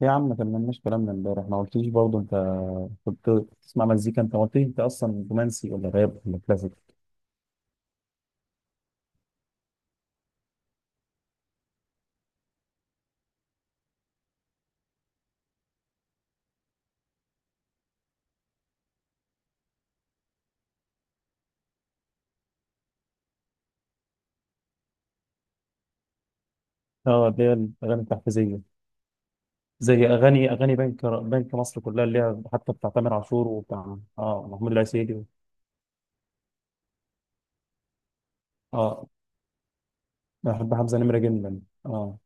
يا عم ما كملناش كلامنا امبارح، ما قلتليش برضه انت كنت بتسمع مزيكا. انت ما قلتليش انت اصلا رومانسي ولا راب ولا كلاسيك؟ اه، اللي هي الاغاني التحفيزيه. زي اغاني اغاني بنك مصر كلها اللي هي حتى بتاع تامر عاشور وبتاع محمود العسيلي. اه، أنا بحب حمزه نمره جدا. اه،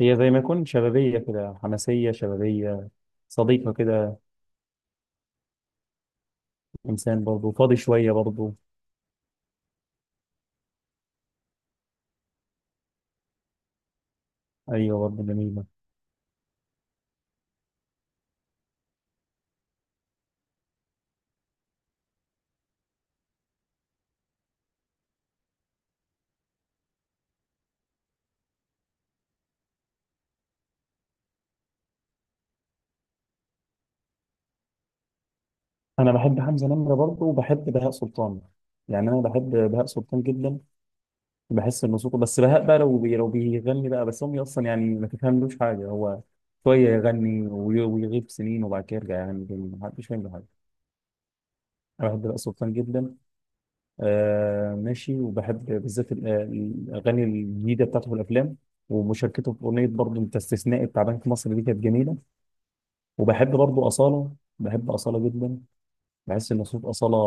هي زي ما يكون شبابيه كده، حماسيه شبابيه، صديقه كده. انسان برضه فاضي شويه برضه. ايوه، برضه جميله. انا بحب حمزه نمره برضه، وبحب بهاء سلطان. يعني انا بحب بهاء سلطان جدا. بحس انه صوته، بس بهاء بقى لو بي لو بيغني بقى، بس امي اصلا يعني ما تفهملوش حاجه. هو شويه يغني ويغيب سنين وبعد كده يرجع يغني تاني، ما حدش فاهم له حاجه. انا بحب بقى سلطان جدا. آه ماشي، وبحب بالذات الاغاني الجديده بتاعته في الافلام. ومشاركته في اغنيه برضه، انت استثنائي بتاع بنك مصر دي كانت جميله. وبحب برضه اصاله، بحب اصاله جدا. بحس ان صوت اصاله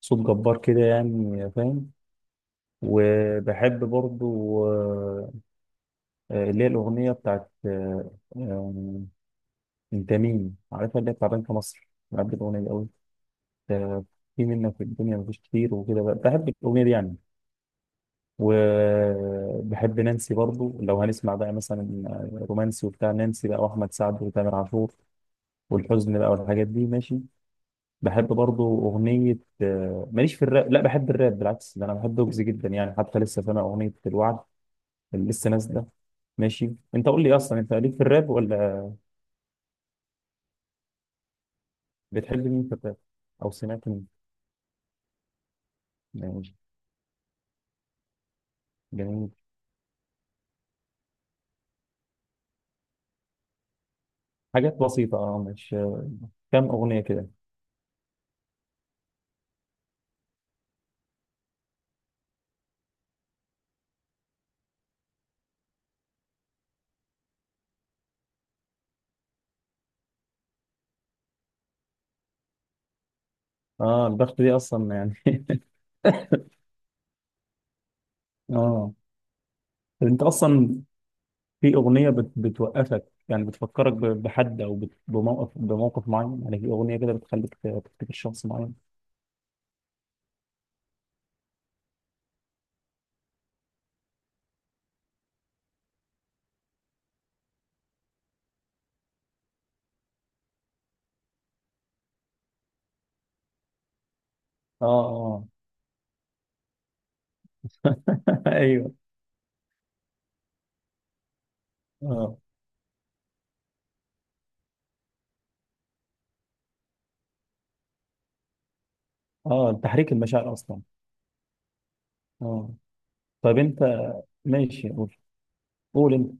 صوت جبار كده، يعني فاهم. وبحب برضه اللي هي الأغنية بتاعت آه، أنت مين؟ عارفها، اللي هي بتاع بنك مصر. بحب الأغنية دي أوي. آه، في منك في الدنيا مفيش كتير وكده بقى. بحب الأغنية دي يعني. وبحب نانسي برضو. لو هنسمع بقى مثلا رومانسي وبتاع، نانسي بقى وأحمد سعد وتامر عاشور والحزن بقى والحاجات دي، ماشي. بحب برضو أغنية ماليش في الراب، لا بحب الراب بالعكس. ده أنا بحب ويجز جدا، يعني حتى لسه سامع أغنية الوعد اللي لسه نازلة. ماشي، أنت قول لي أصلا أنت ليك في الراب ولا؟ بتحب مين في الراب او سمعت مين؟ يعني جميل. حاجات بسيطه، اه مش كام اغنيه كده. اه، البخت دي اصلا يعني. اه. طب انت اصلا في اغنيه بتوقفك، يعني بتفكرك بحد، او بموقف معين؟ يعني في اغنيه كده بتخليك تفتكر شخص معين. اه، اه. ايوه. اه، اه، تحريك المشاعر اصلا. اه. طب انت، ماشي قول. قول انت.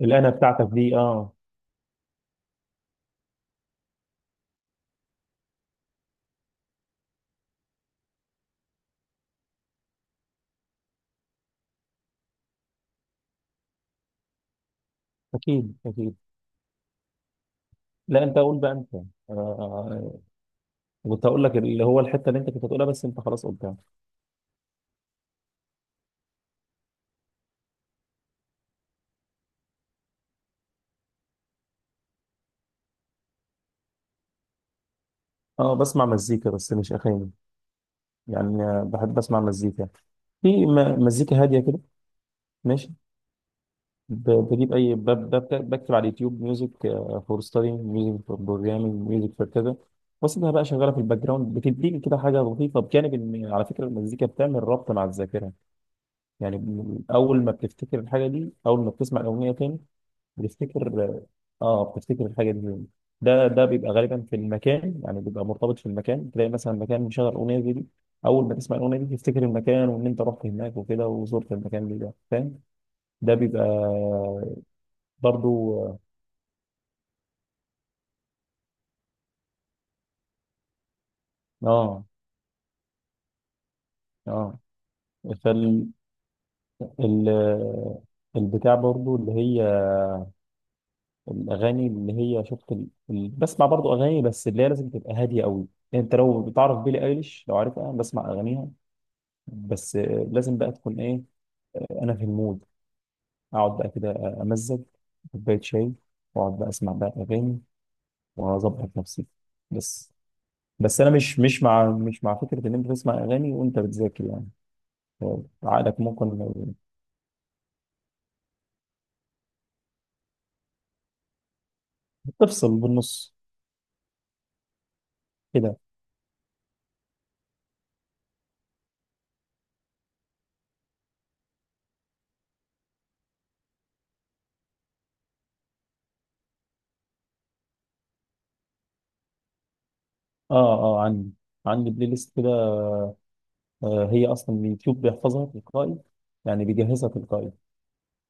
الأنا بتاعتك دي، اه. أكيد، أكيد. لا أنت قول بقى أنت. آه، كنت هقول لك اللي هو الحته اللي انت كنت هتقولها، بس انت خلاص قلتها. اه، بسمع مزيكا بس مش اغاني. يعني بحب اسمع مزيكا. في مزيكا هاديه كده، ماشي. ب- بجيب اي ب- ب- بكتب على اليوتيوب ميوزك فور ستادي، ميوزك فور بروجرامينج، ميوزك فور كذا. واسيبها بقى شغاله في الباك جراوند، بتديني كده حاجه لطيفه. بجانب ان على فكره المزيكا بتعمل ربط مع الذاكره. يعني اول ما بتفتكر الحاجه دي، اول ما بتسمع الاغنيه تاني بتفتكر. اه، بتفتكر الحاجه دي منين؟ ده بيبقى غالبا في المكان، يعني بيبقى مرتبط في المكان. تلاقي مثلا مكان مشغل اغنيه زي دي، اول ما تسمع الاغنيه دي تفتكر المكان وان انت رحت هناك وكده وزرت المكان دي، ده فاهم. ده بيبقى برضو، اه اه. آه. فال ال البتاع برضو اللي هي الاغاني اللي هي شفت بسمع برضو اغاني بس اللي هي لازم تبقى هاديه قوي. انت لو بتعرف بيلي ايليش، لو عارفها بسمع اغانيها. بس لازم بقى تكون ايه، انا في المود، اقعد بقى كده، امزج كوبايه شاي، واقعد بقى اسمع بقى اغاني، واظبط نفسي. بس. بس انا مش مع فكره ان انت تسمع اغاني وانت بتذاكر، يعني عقلك ممكن تفصل بالنص كده. اه اه. عندي، عندي بلاي ليست كده. آه هي اصلا اليوتيوب بيحفظها تلقائي، يعني بيجهزها تلقائي.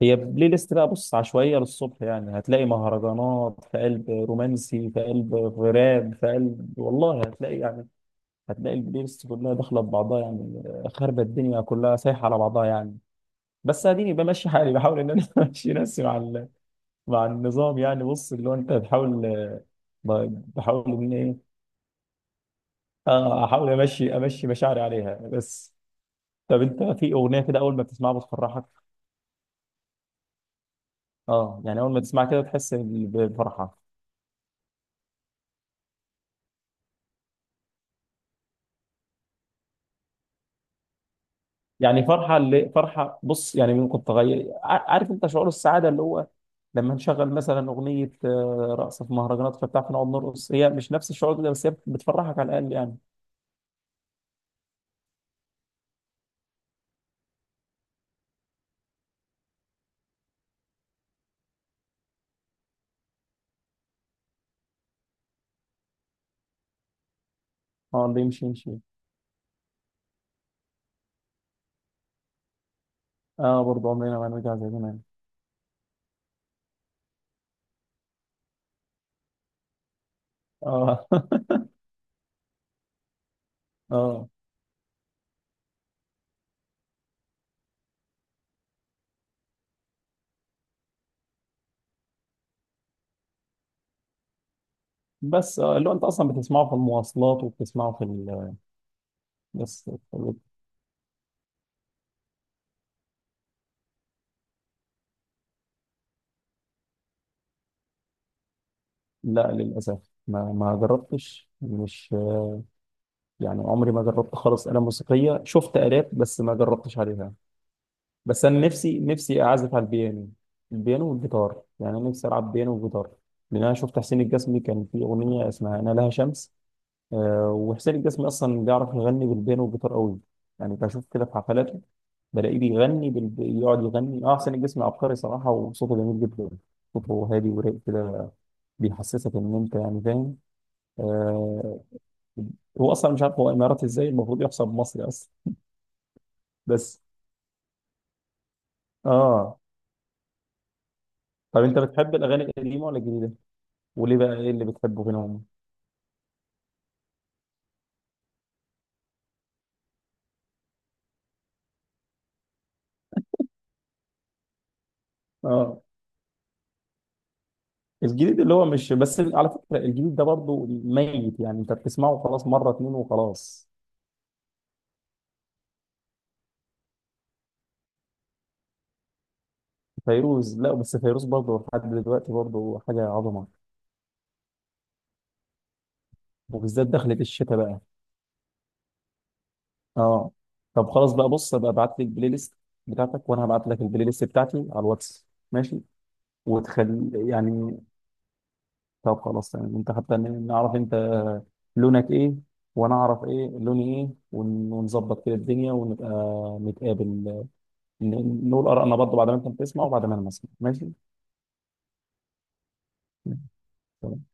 هي بلاي ليست بقى، بص، عشوائيه للصبح. يعني هتلاقي مهرجانات في قلب رومانسي، في قلب راب في قلب، والله هتلاقي يعني. هتلاقي البلاylist كلها داخله في بعضها يعني، خاربه الدنيا كلها سايحه على بعضها يعني. بس اديني بمشي حالي، بحاول ان انا امشي نفسي مع مع النظام. يعني بص اللي هو انت بتحاول، بحاول ان ايه. اه احاول امشي مشاعري عليها بس. طب انت في اغنيه كده اول ما بتسمعها بتفرحك؟ اه، يعني اول ما تسمعها كده تحس بفرحه. يعني فرحه اللي فرحه، بص يعني ممكن تغير عارف انت شعور السعاده اللي هو لما نشغل مثلا اغنيه رقص في مهرجانات فبتاع، فنقعد نرقص. هي مش نفس الشعور ده، بس هي بتفرحك على الاقل يعني. اه، اللي يمشي يمشي. اه، برضه عمرنا ما هنرجع زي زمان. اه. اه. بس آه اللي هو انت اصلا بتسمعه في المواصلات، وبتسمعه في ال، بس. لا للاسف ما ما جربتش، مش يعني عمري ما جربت خالص آلة موسيقية. شفت آلات بس ما جربتش عليها. بس انا نفسي، نفسي اعزف على البيانو. البيانو والجيتار، يعني انا نفسي العب بيانو وجيتار. لان انا شفت حسين الجسمي كان في اغنيه اسمها انا لها شمس. وحسين الجسمي اصلا بيعرف يغني بالبيانو والجيتار قوي. يعني بشوف كده في حفلاته بلاقيه يقعد يغني. اه، حسين الجسمي عبقري صراحه، وصوته جميل جدا. صوته هادي ورايق كده، بيحسسك ان انت يعني فاهم. آه، هو اصلا مش عارف، هو اماراتي ازاي؟ المفروض يحسب مصري اصلا. بس اه. طب انت بتحب الاغاني القديمه ولا الجديده؟ وليه بقى، ايه اللي بتحبه فيهم؟ اه، الجديد اللي هو مش، بس على فكرة الجديد ده برضه ميت، يعني انت بتسمعه خلاص مرة اتنين وخلاص. فيروز لا، بس فيروز برضه لحد دلوقتي برضه حاجة عظمة. وبالذات دخلت الشتاء بقى. اه. طب خلاص بقى، بص ابقى ابعت لي البلاي ليست بتاعتك، وانا هبعت لك البلاي ليست بتاعتي على الواتس، ماشي؟ وتخلي يعني، طب خلاص تمام. انت حتى نعرف انت لونك ايه، وانا اعرف ايه لوني ايه، ونظبط كده الدنيا، ونبقى نتقابل نقول آرائنا برضه بعد ما أنت بتسمع وبعد ما أنا بسمع، ماشي؟ تمام.